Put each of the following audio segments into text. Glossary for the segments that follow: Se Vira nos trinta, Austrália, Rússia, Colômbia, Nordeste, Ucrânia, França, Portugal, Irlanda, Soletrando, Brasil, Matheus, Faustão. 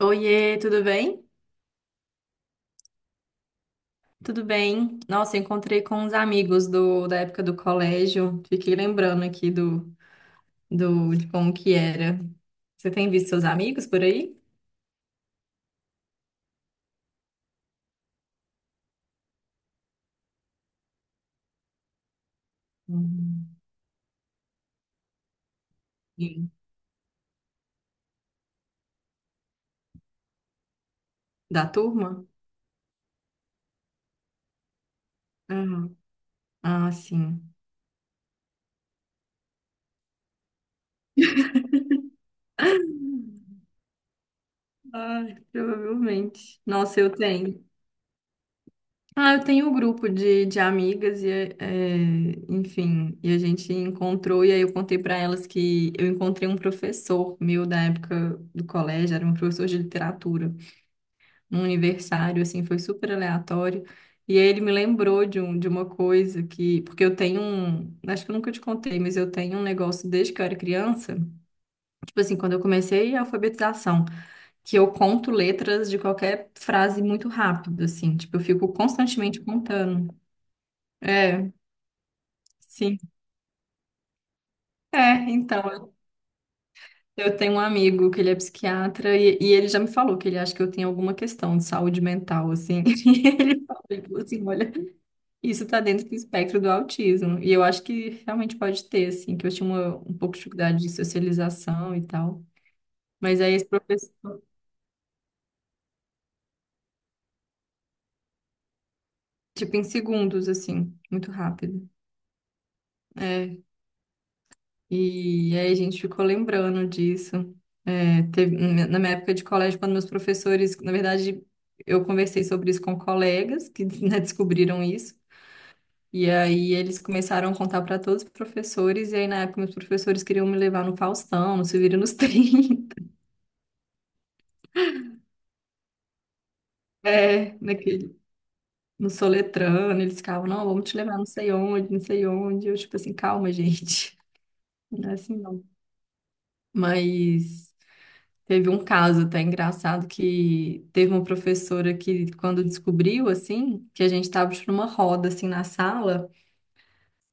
Oiê, tudo bem? Tudo bem. Nossa, encontrei com uns amigos da época do colégio. Fiquei lembrando aqui de como que era. Você tem visto seus amigos por aí? Uhum. Sim. Da turma? Uhum. Ah, sim. Ai, provavelmente. Nossa, eu tenho. Ah, eu tenho um grupo de amigas enfim, e a gente encontrou, e aí eu contei para elas que eu encontrei um professor meu da época do colégio, era um professor de literatura, num aniversário, assim, foi super aleatório, e aí ele me lembrou de uma coisa que, porque eu tenho um, acho que eu nunca te contei, mas eu tenho um negócio desde que eu era criança, tipo assim, quando eu comecei a alfabetização, que eu conto letras de qualquer frase muito rápido, assim, tipo, eu fico constantemente contando. É. Sim. É, então, eu tenho um amigo que ele é psiquiatra e ele já me falou que ele acha que eu tenho alguma questão de saúde mental, assim. E ele falou assim, olha, isso tá dentro do espectro do autismo. E eu acho que realmente pode ter, assim, que eu tinha um pouco de dificuldade de socialização e tal. Mas aí esse professor, tipo, em segundos, assim, muito rápido. É. E aí a gente ficou lembrando disso. É, na minha época de colégio, quando meus professores, na verdade, eu conversei sobre isso com colegas que, né, descobriram isso. E aí eles começaram a contar para todos os professores, e aí na época meus professores queriam me levar no Faustão, no Se Vira nos Trinta. É, no Soletrando, eles ficavam, não, vamos te levar não sei onde, não sei onde. Eu, tipo assim, calma, gente, não é assim não. Mas. Teve um caso até engraçado que teve uma professora que, quando descobriu, assim, que a gente estava numa roda, assim, na sala,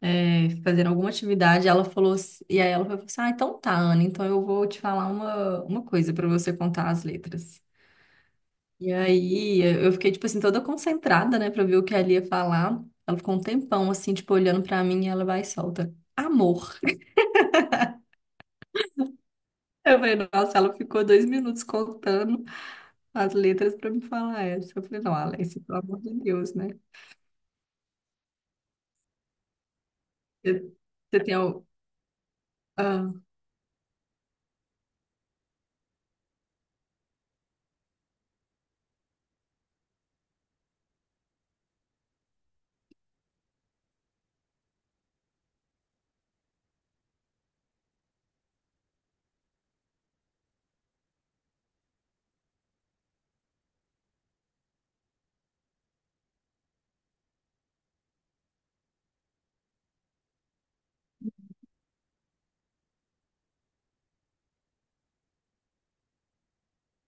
fazendo alguma atividade, ela falou, e aí ela falou assim, ah, então tá, Ana, então eu vou te falar uma coisa para você contar as letras. E aí eu fiquei, tipo assim, toda concentrada, né, para ver o que ela ia falar. Ela ficou um tempão, assim, tipo, olhando para mim e ela vai e solta, amor. Eu falei, nossa, ela ficou dois minutos contando as letras para me falar essa. Eu falei, não, Alex, pelo amor de Deus, né? Você você tem o. Ah,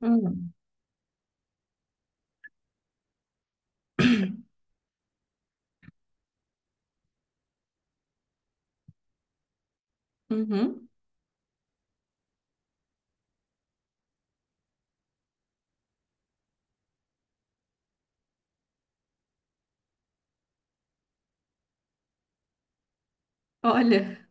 hum, uhum. Olha,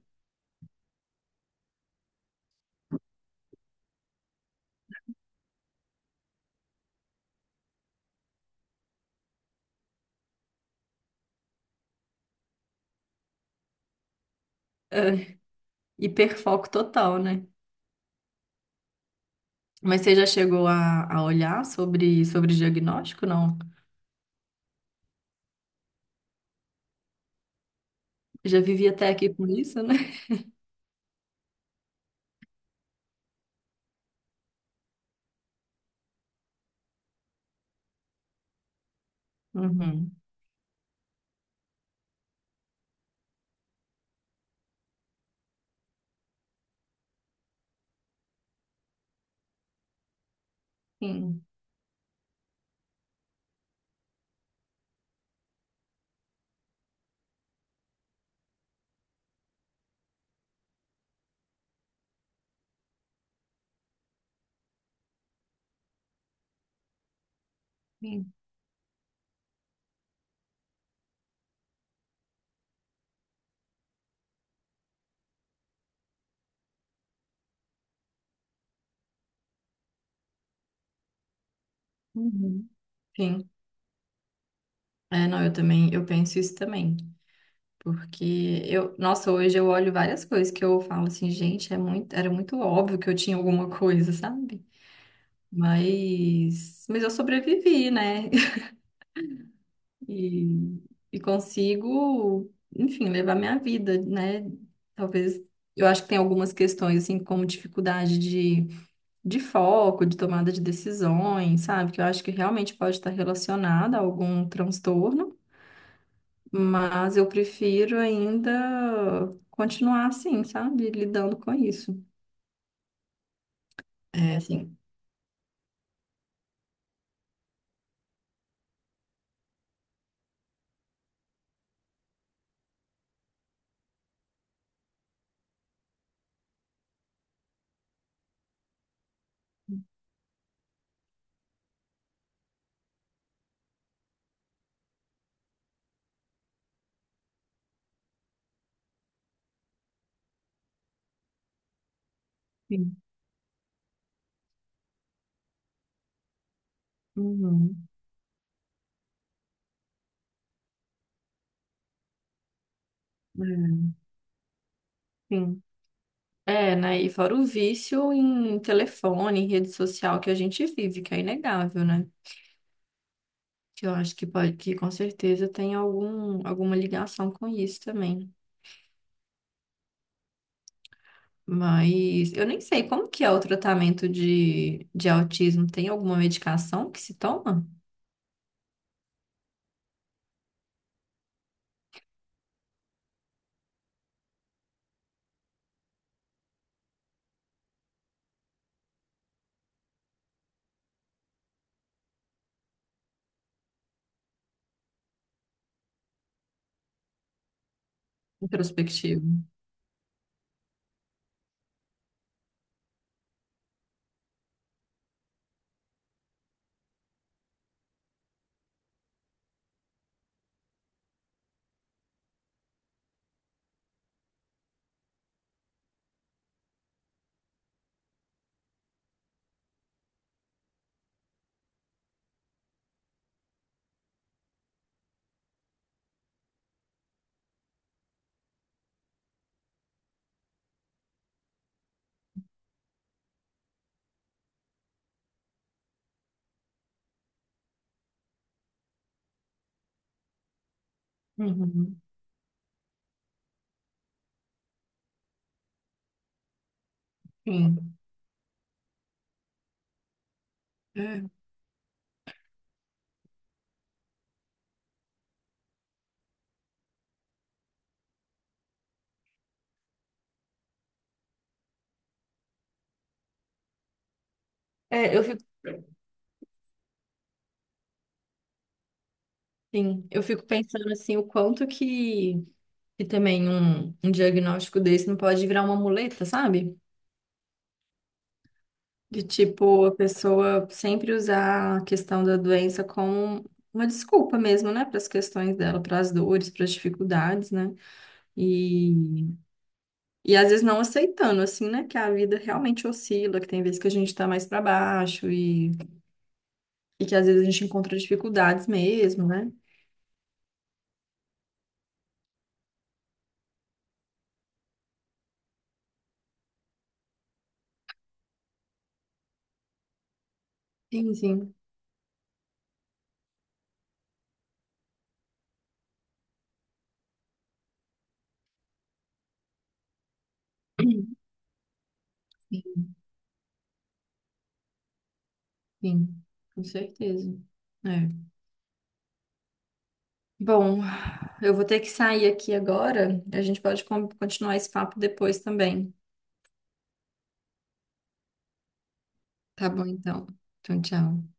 ah, hiperfoco total, né? Mas você já chegou a olhar sobre diagnóstico? Não. Já vivi até aqui com isso, né? Uhum. Sim, sim. Uhum. Sim. É, não, eu também, eu penso isso também. Porque eu, nossa, hoje eu olho várias coisas que eu falo assim, gente, é muito, era muito óbvio que eu tinha alguma coisa, sabe? Mas eu sobrevivi, né? E, e consigo, enfim, levar minha vida, né? Talvez, eu acho que tem algumas questões, assim, como dificuldade de foco, de tomada de decisões, sabe? Que eu acho que realmente pode estar relacionada a algum transtorno, mas eu prefiro ainda continuar assim, sabe? Lidando com isso. É, assim. Sim. Uhum. É, sim. É, né? E fora o vício em telefone, em rede social que a gente vive, que é inegável, né? Que eu acho que pode, que com certeza tem algum, alguma ligação com isso também. Mas eu nem sei como que é o tratamento de autismo. Tem alguma medicação que se toma? Introspectivo. Uhum. Sim. É. É, eu fico. Sim, eu fico pensando assim, o quanto que também um diagnóstico desse não pode virar uma muleta, sabe? De tipo, a pessoa sempre usar a questão da doença como uma desculpa mesmo, né, para as questões dela, para as dores, para as dificuldades, né? E, e às vezes não aceitando, assim, né, que a vida realmente oscila, que tem vezes que a gente tá mais para baixo e que às vezes a gente encontra dificuldades mesmo, né? Sim, sim. Sim, sim, com certeza. É. Bom, eu vou ter que sair aqui agora. A gente pode continuar esse papo depois também. Tá bom, então. Então, tchau.